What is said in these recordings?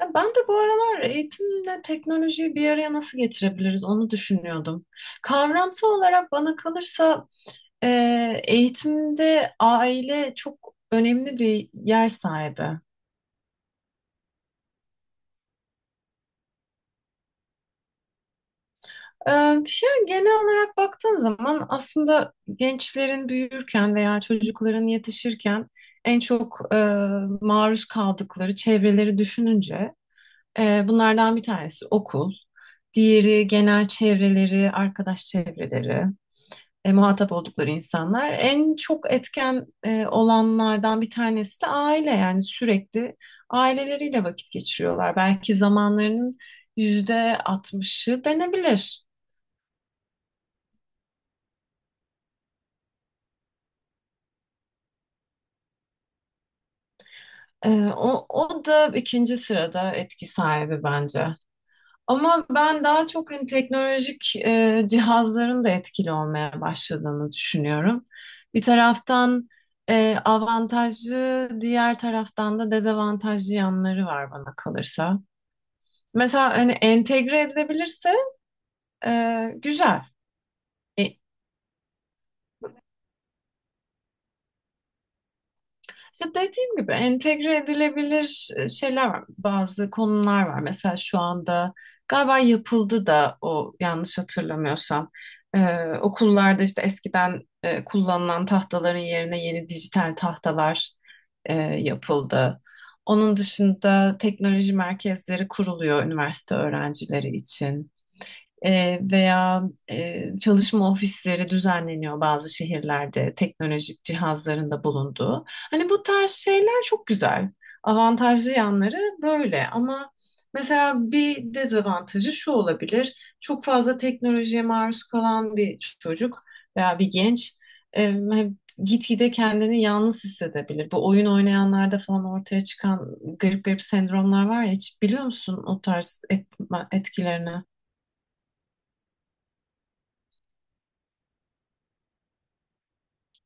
Ya, ben de bu aralar eğitimle teknolojiyi bir araya nasıl getirebiliriz onu düşünüyordum. Kavramsal olarak bana kalırsa, e, eğitimde aile çok önemli bir yer sahibi. E, Bir şey, genel olarak baktığın zaman aslında gençlerin büyürken veya çocukların yetişirken en çok maruz kaldıkları çevreleri düşününce bunlardan bir tanesi okul, diğeri genel çevreleri, arkadaş çevreleri. Muhatap oldukları insanlar. En çok etken olanlardan bir tanesi de aile, yani sürekli aileleriyle vakit geçiriyorlar. Belki zamanlarının yüzde 60'ı denebilir. E, o da ikinci sırada etki sahibi bence. Ama ben daha çok hani teknolojik cihazların da etkili olmaya başladığını düşünüyorum. Bir taraftan avantajlı, diğer taraftan da dezavantajlı yanları var bana kalırsa. Mesela hani entegre edilebilirse e, güzel. E, işte dediğim gibi entegre edilebilir şeyler var. Bazı konular var. Mesela şu anda galiba yapıldı da o, yanlış hatırlamıyorsam. E, okullarda işte eskiden kullanılan tahtaların yerine yeni dijital tahtalar yapıldı. Onun dışında teknoloji merkezleri kuruluyor üniversite öğrencileri için. Veya çalışma ofisleri düzenleniyor bazı şehirlerde, teknolojik cihazların da bulunduğu. Hani bu tarz şeyler çok güzel. Avantajlı yanları böyle, ama mesela bir dezavantajı şu olabilir. Çok fazla teknolojiye maruz kalan bir çocuk veya bir genç e, gitgide kendini yalnız hissedebilir. Bu oyun oynayanlarda falan ortaya çıkan garip garip sendromlar var ya, hiç biliyor musun o tarz etkilerini?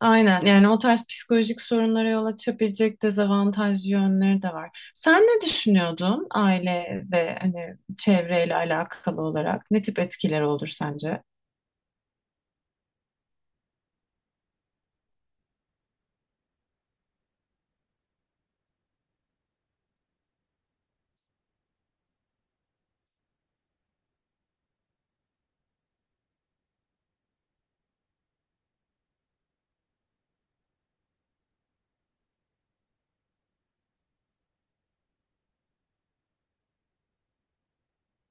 Aynen, yani o tarz psikolojik sorunlara yol açabilecek dezavantajlı yönleri de var. Sen ne düşünüyordun, aile ve hani çevreyle alakalı olarak ne tip etkileri olur sence?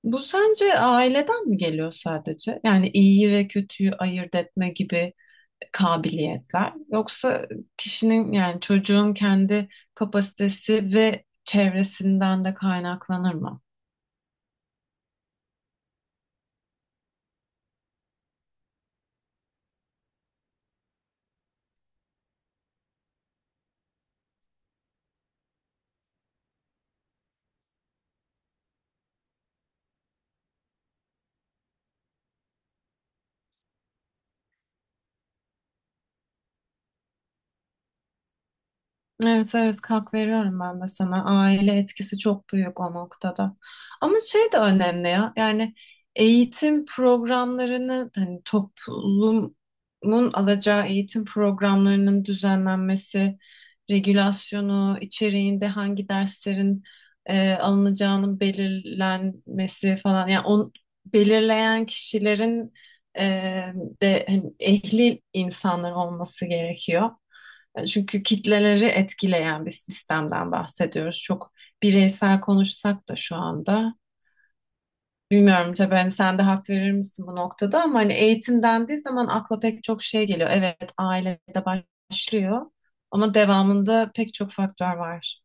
Bu sence aileden mi geliyor sadece? Yani iyiyi ve kötüyü ayırt etme gibi kabiliyetler yoksa kişinin, yani çocuğun kendi kapasitesi ve çevresinden de kaynaklanır mı? Evet, evet, kalk veriyorum ben de sana. Aile etkisi çok büyük o noktada. Ama şey de önemli ya. Yani eğitim programlarını, hani toplumun alacağı eğitim programlarının düzenlenmesi, regülasyonu, içeriğinde hangi derslerin alınacağının belirlenmesi falan. Yani belirleyen kişilerin e, de hani ehli insanlar olması gerekiyor. Çünkü kitleleri etkileyen bir sistemden bahsediyoruz. Çok bireysel konuşsak da şu anda. Bilmiyorum tabii, hani sen de hak verir misin bu noktada, ama hani eğitim dendiği zaman akla pek çok şey geliyor. Evet, ailede başlıyor ama devamında pek çok faktör var.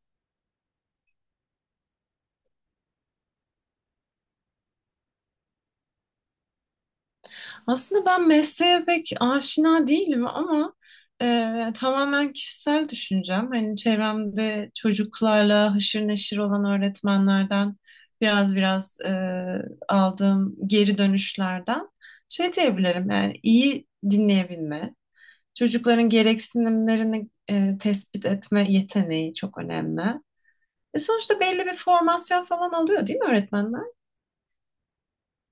Aslında ben mesleğe pek aşina değilim ama tamamen kişisel düşüncem. Hani çevremde çocuklarla haşır neşir olan öğretmenlerden biraz biraz aldığım geri dönüşlerden şey diyebilirim. Yani iyi dinleyebilme, çocukların gereksinimlerini tespit etme yeteneği çok önemli. Sonuçta belli bir formasyon falan alıyor değil mi öğretmenler?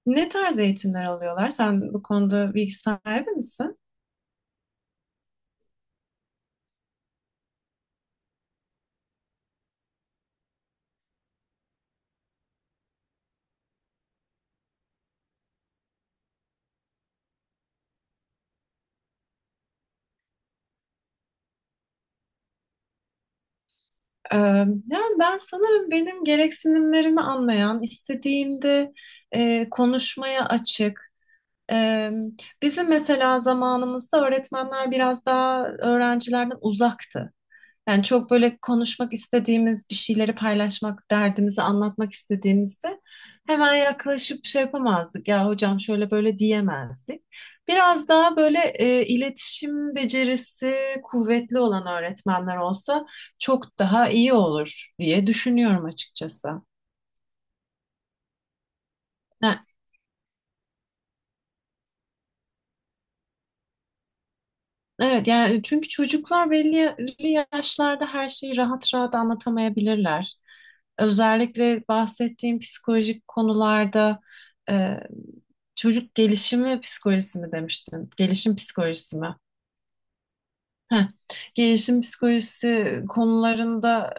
Ne tarz eğitimler alıyorlar? Sen bu konuda bilgi sahibi misin? Ee, yani ben sanırım benim gereksinimlerimi anlayan, istediğimde konuşmaya açık. Ee, bizim mesela zamanımızda öğretmenler biraz daha öğrencilerden uzaktı. Yani çok böyle konuşmak istediğimiz bir şeyleri paylaşmak, derdimizi anlatmak istediğimizde hemen yaklaşıp şey yapamazdık. Ya hocam, şöyle böyle diyemezdik. Biraz daha böyle iletişim becerisi kuvvetli olan öğretmenler olsa çok daha iyi olur diye düşünüyorum açıkçası. Yani evet, yani çünkü çocuklar belli belli yaşlarda her şeyi rahat rahat anlatamayabilirler. Özellikle bahsettiğim psikolojik konularda e, çocuk gelişimi psikolojisi mi demiştin? Gelişim psikolojisi mi? Heh. Gelişim psikolojisi konularında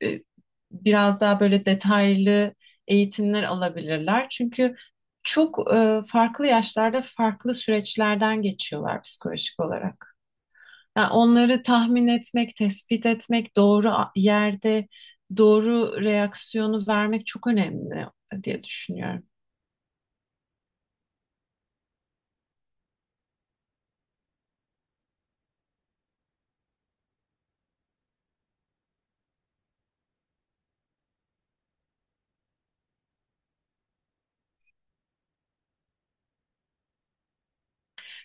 e, e, biraz daha böyle detaylı eğitimler alabilirler. Çünkü çok farklı yaşlarda farklı süreçlerden geçiyorlar psikolojik olarak. Yani onları tahmin etmek, tespit etmek, doğru yerde doğru reaksiyonu vermek çok önemli diye düşünüyorum.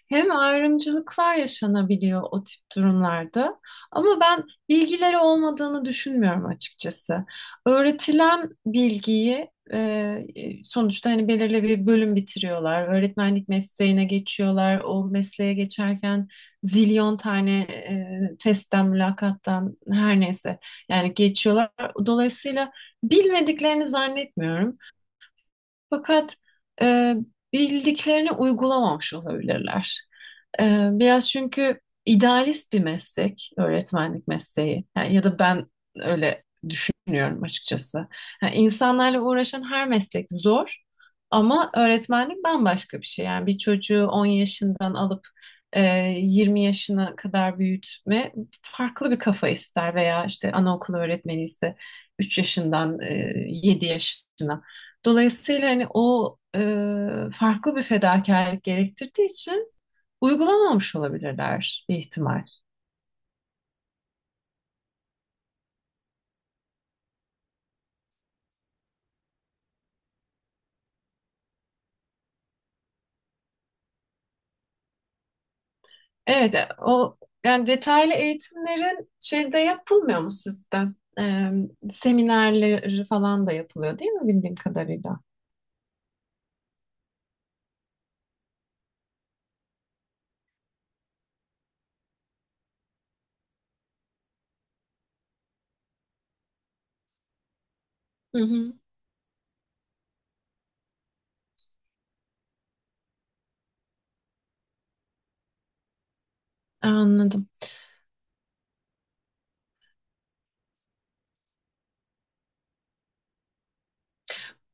Hem ayrımcılıklar yaşanabiliyor o tip durumlarda, ama ben bilgileri olmadığını düşünmüyorum açıkçası. Öğretilen bilgiyi sonuçta hani belirli bir bölüm bitiriyorlar. Öğretmenlik mesleğine geçiyorlar. O mesleğe geçerken zilyon tane testten, mülakattan, her neyse yani, geçiyorlar. Dolayısıyla bilmediklerini zannetmiyorum. Fakat e, bildiklerini uygulamamış olabilirler. E, biraz çünkü idealist bir meslek, öğretmenlik mesleği. Yani, ya da ben öyle düşünüyorum açıkçası. Yani insanlarla uğraşan her meslek zor, ama öğretmenlik bambaşka bir şey. Yani bir çocuğu 10 yaşından alıp e, 20 yaşına kadar büyütme farklı bir kafa ister, veya işte anaokulu öğretmeni ise 3 yaşından 7 yaşına. Dolayısıyla hani o farklı bir fedakarlık gerektirdiği için uygulamamış olabilirler bir ihtimal. Evet, o yani, detaylı eğitimlerin şeyde yapılmıyor mu sizde? E, seminerleri falan da yapılıyor değil mi bildiğim kadarıyla? Hı hı. Anladım.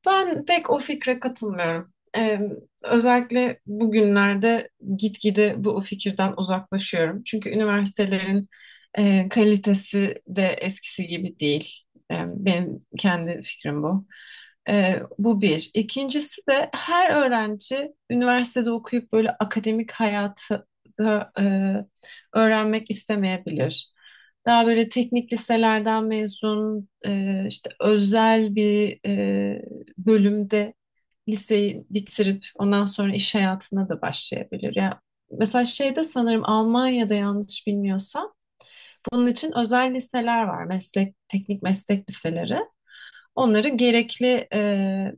Ben pek o fikre katılmıyorum. Ee, özellikle bugünlerde gitgide bu fikirden uzaklaşıyorum. Çünkü üniversitelerin kalitesi de eskisi gibi değil. Benim kendi fikrim bu. Bu bir. İkincisi de her öğrenci üniversitede okuyup böyle akademik hayatı da öğrenmek istemeyebilir. Daha böyle teknik liselerden mezun, işte özel bir bölümde liseyi bitirip ondan sonra iş hayatına da başlayabilir. Ya mesela şeyde, sanırım Almanya'da, yanlış bilmiyorsam bunun için özel liseler var. Meslek, teknik meslek liseleri. Onları gerekli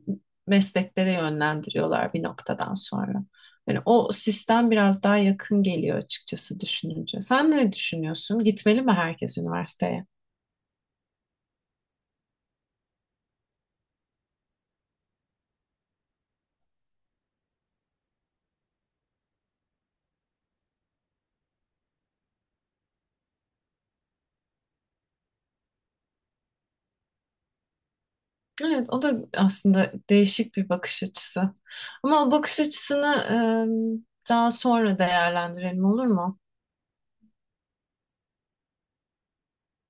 mesleklere yönlendiriyorlar bir noktadan sonra. Yani o sistem biraz daha yakın geliyor açıkçası düşününce. Sen ne düşünüyorsun? Gitmeli mi herkes üniversiteye? Evet, o da aslında değişik bir bakış açısı. Ama o bakış açısını daha sonra değerlendirelim, olur mu?